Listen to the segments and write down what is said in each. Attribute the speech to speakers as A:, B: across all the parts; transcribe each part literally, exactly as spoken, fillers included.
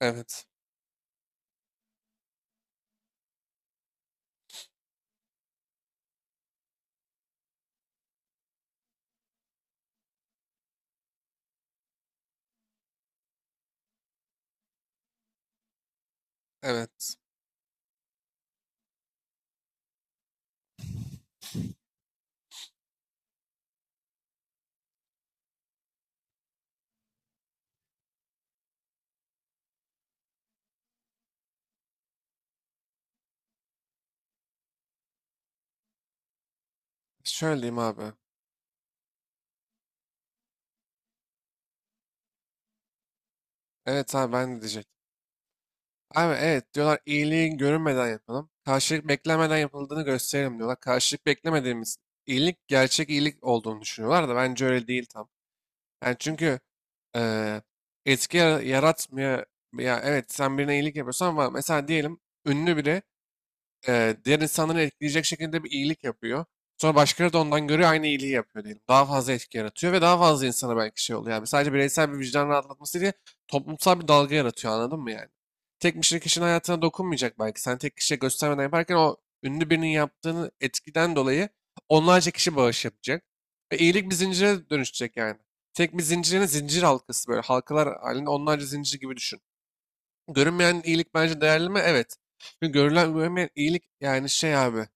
A: Evet. Evet. Şöyle diyeyim abi. Evet abi ben de diyecektim. Abi evet diyorlar iyiliğin görünmeden yapalım. Karşılık beklemeden yapıldığını gösterelim diyorlar. Karşılık beklemediğimiz iyilik gerçek iyilik olduğunu düşünüyorlar da bence öyle değil tam. Yani çünkü eee etki yara- yaratmıyor. Ya evet sen birine iyilik yapıyorsan var. Mesela diyelim ünlü biri, e, diğer insanları etkileyecek şekilde bir iyilik yapıyor. Sonra başkaları da ondan görüyor aynı iyiliği yapıyor diyelim. Daha fazla etki yaratıyor ve daha fazla insana belki şey oluyor. Yani sadece bireysel bir vicdan rahatlatması değil, toplumsal bir dalga yaratıyor anladın mı yani? Tek bir şey kişinin hayatına dokunmayacak belki. Sen tek kişiye göstermeden yaparken o ünlü birinin yaptığını etkiden dolayı onlarca kişi bağış yapacak. Ve iyilik bir zincire dönüşecek yani. Tek bir zincirin zincir halkası böyle halkalar halinde onlarca zincir gibi düşün. Görünmeyen iyilik bence değerli mi? Evet. Çünkü görülen görünmeyen iyilik yani şey abi,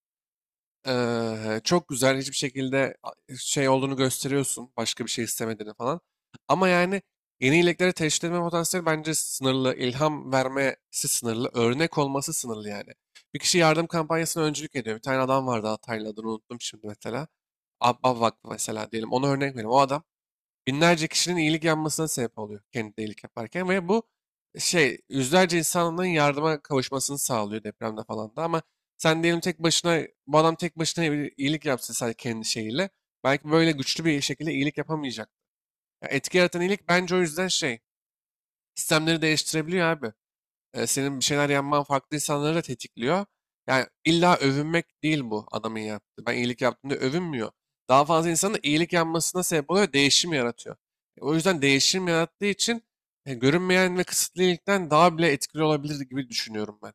A: eee, çok güzel hiçbir şekilde a- şey olduğunu gösteriyorsun. Başka bir şey istemediğini falan. Ama yani yeni iyiliklere teşvik etme potansiyeli bence sınırlı. İlham vermesi sınırlı. Örnek olması sınırlı yani. Bir kişi yardım kampanyasına öncülük ediyor. Bir tane adam vardı Hataylı adını unuttum şimdi mesela. Abba Vakfı mesela diyelim. Ona örnek vereyim. O adam binlerce kişinin iyilik yapmasına sebep oluyor kendi de iyilik yaparken ve bu şey yüzlerce insanın yardıma kavuşmasını sağlıyor depremde falan da. Ama sen diyelim tek başına, bu adam tek başına bir iyilik yapsa sadece kendi şeyiyle belki böyle güçlü bir şekilde iyilik yapamayacak. Ya etki yaratan iyilik bence o yüzden şey, sistemleri değiştirebiliyor abi. E, senin bir şeyler yapman farklı insanları da tetikliyor. Yani illa övünmek değil bu adamın yaptığı. Ben iyilik yaptığımda övünmüyor. Daha fazla insanın da iyilik yapmasına sebep oluyor, ve değişim yaratıyor. E, O yüzden değişim yarattığı için e, görünmeyen ve kısıtlı iyilikten daha bile etkili olabilir gibi düşünüyorum ben.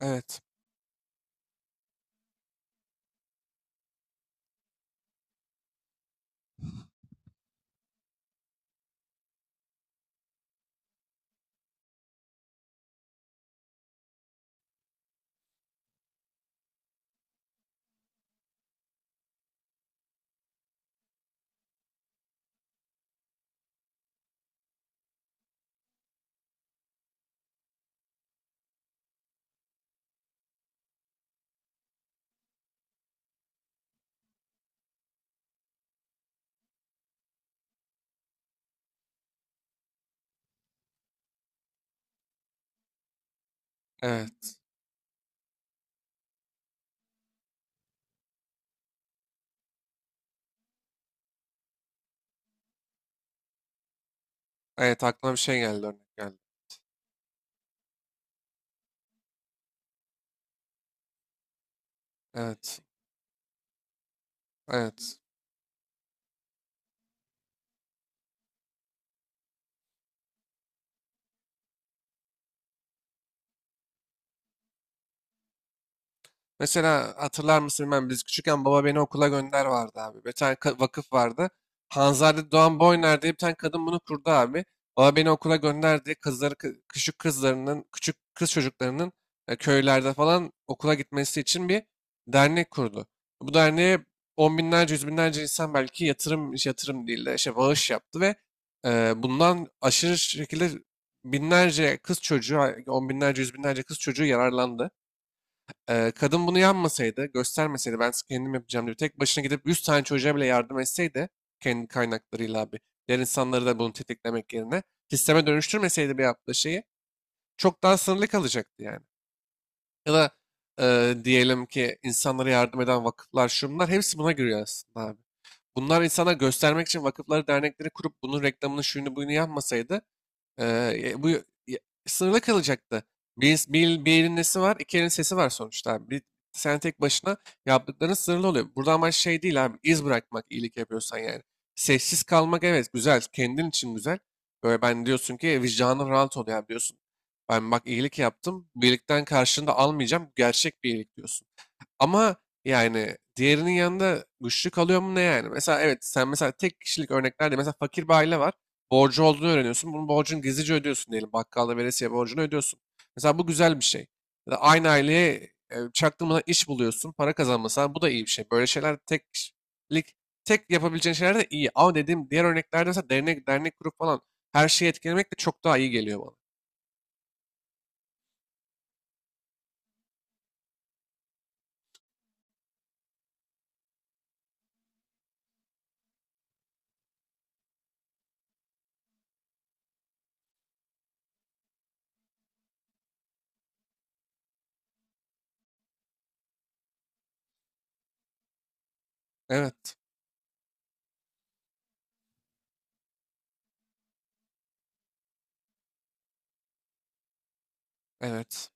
A: Evet, evet, evet, aklıma bir şey geldi, örnek geldi. Evet, evet. Mesela hatırlar mısın bilmem, biz küçükken baba beni okula gönder vardı abi. Bir tane ka- vakıf vardı. Hanzade Doğan Boyner diye bir tane kadın bunu kurdu abi. Baba beni okula gönder diye kızları, kı- küçük kızlarının, küçük kız çocuklarının, e, köylerde falan okula gitmesi için bir dernek kurdu. Bu derneğe on binlerce, yüz binlerce insan belki yatırım, yatırım değil de şey bağış yaptı ve, e, bundan aşırı şekilde binlerce kız çocuğu, on binlerce, yüz binlerce kız çocuğu yararlandı. Ee, kadın bunu yanmasaydı, göstermeseydi, ben kendim yapacağım diye tek başına gidip yüz tane çocuğa bile yardım etseydi, kendi kaynaklarıyla abi, diğer insanları da bunu tetiklemek yerine sisteme dönüştürmeseydi bir yaptığı şeyi, çok daha sınırlı kalacaktı yani. Ya da e, diyelim ki insanlara yardım eden vakıflar şunlar hepsi buna giriyor aslında abi. Bunlar insana göstermek için vakıfları dernekleri kurup bunun reklamını şuyunu buyunu yapmasaydı, ee, bu sınırlı kalacaktı. Bir, bir, bir elin nesi var, iki elin sesi var sonuçta abi. Bir, sen tek başına yaptıkların sınırlı oluyor. Burada amaç şey değil abi, iz bırakmak iyilik yapıyorsan yani. Sessiz kalmak evet güzel, kendin için güzel. Böyle ben diyorsun ki "E, vicdanın rahat oluyor abi" diyorsun. "Ben bak iyilik yaptım, birlikten karşında almayacağım, gerçek bir iyilik" diyorsun. Ama yani diğerinin yanında güçlü kalıyor mu ne yani? Mesela evet sen mesela tek kişilik örneklerde, mesela fakir bir aile var. Borcu olduğunu öğreniyorsun. Bunun borcunu gizlice ödüyorsun diyelim. Bakkalda veresiye borcunu ödüyorsun. Mesela bu güzel bir şey. Ya da aynı aileye e, çaktırmadan iş buluyorsun. Para kazanmasan bu da iyi bir şey. Böyle şeyler tek kişilik tek yapabileceğin şeyler de iyi. Ama dediğim diğer örneklerde mesela dernek, dernek kurup falan her şeyi etkilemek de çok daha iyi geliyor bana. Evet. Evet.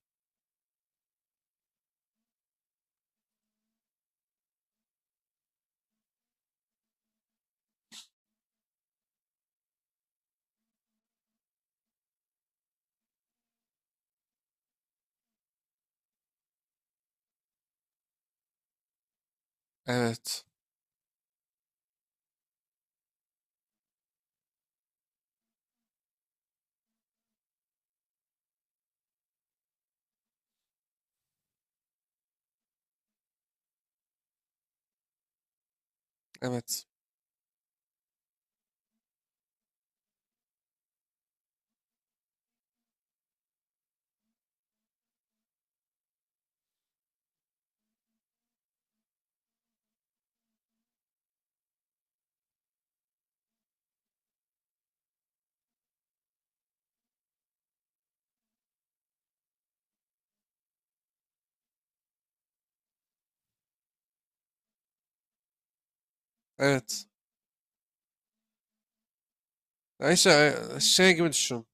A: Evet. Evet. Evet. Ya işte, e, şey gibi düşün.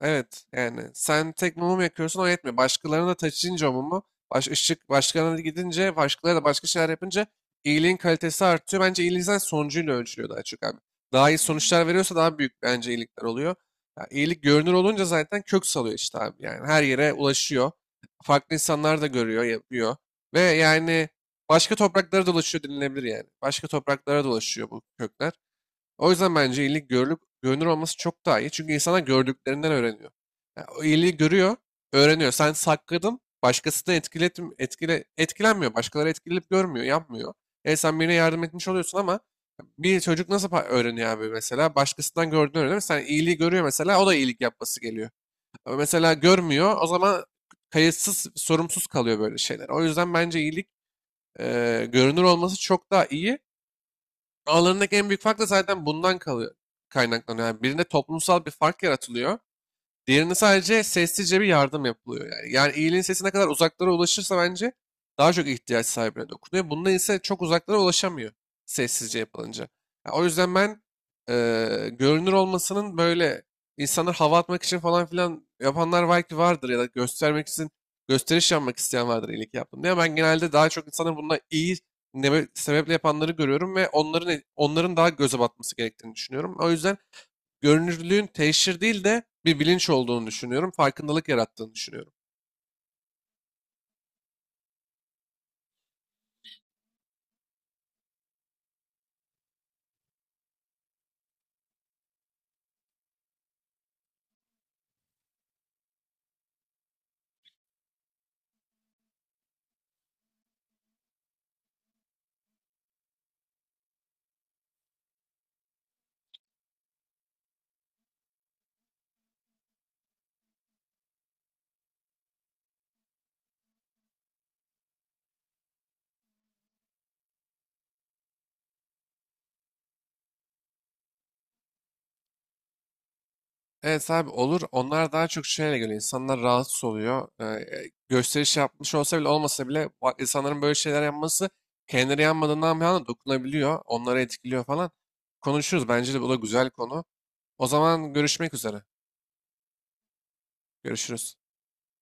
A: Evet yani sen tek mumu yakıyorsun o yetmiyor. Başkalarına da taşıyınca o mumu, baş, ışık başkalarına da gidince, başkaları da başka şeyler yapınca iyiliğin kalitesi artıyor. Bence iyiliğin zaten sonucuyla ölçülüyor daha çok abi. Daha iyi sonuçlar veriyorsa daha büyük bence iyilikler oluyor. Ya, iyilik görünür olunca zaten kök salıyor işte abi. Yani her yere ulaşıyor. Farklı insanlar da görüyor, yapıyor. Ve yani başka topraklara dolaşıyor denilebilir yani. Başka topraklara dolaşıyor bu kökler. O yüzden bence iyilik görülüp görünür olması çok daha iyi. Çünkü insana gördüklerinden öğreniyor. Yani o iyiliği görüyor, öğreniyor. Sen sakladın, başkası da etkilet, etkile, etkilenmiyor. Başkaları etkilenip görmüyor, yapmıyor. E sen birine yardım etmiş oluyorsun ama bir çocuk nasıl pa- öğreniyor abi mesela? Başkasından gördüğünü öğreniyor. Sen iyiliği görüyor mesela, o da iyilik yapması geliyor. Ama mesela görmüyor, o zaman kayıtsız, sorumsuz kalıyor böyle şeyler. O yüzden bence iyilik e, görünür olması çok daha iyi. Aralarındaki en büyük fark da zaten bundan kalıyor, kaynaklanıyor. Yani birinde toplumsal bir fark yaratılıyor. Diğerinde sadece sessizce bir yardım yapılıyor yani. Yani iyiliğin sesi ne kadar uzaklara ulaşırsa bence daha çok ihtiyaç sahibine dokunuyor. Bunda ise çok uzaklara ulaşamıyor sessizce yapılınca. Ya o yüzden ben, eee, görünür olmasının böyle, insanlar hava atmak için falan filan yapanlar belki vardır, ya da göstermek için, gösteriş yapmak isteyen vardır iyilik yaptım diye. Ama ben genelde daha çok insanın bunda iyi nebe- sebeple yapanları görüyorum ve onların onların daha göze batması gerektiğini düşünüyorum. O yüzden görünürlüğün teşhir değil de bir bilinç olduğunu düşünüyorum. Farkındalık yarattığını düşünüyorum. Evet abi olur. Onlar daha çok şeyle göre insanlar rahatsız oluyor. Ee, gösteriş yapmış olsa bile olmasa bile, bak- insanların böyle şeyler yapması, kendileri yanmadığından bir anda dokunabiliyor. Onları etkiliyor falan. Konuşuruz. Bence de bu da güzel konu. O zaman görüşmek üzere. Görüşürüz.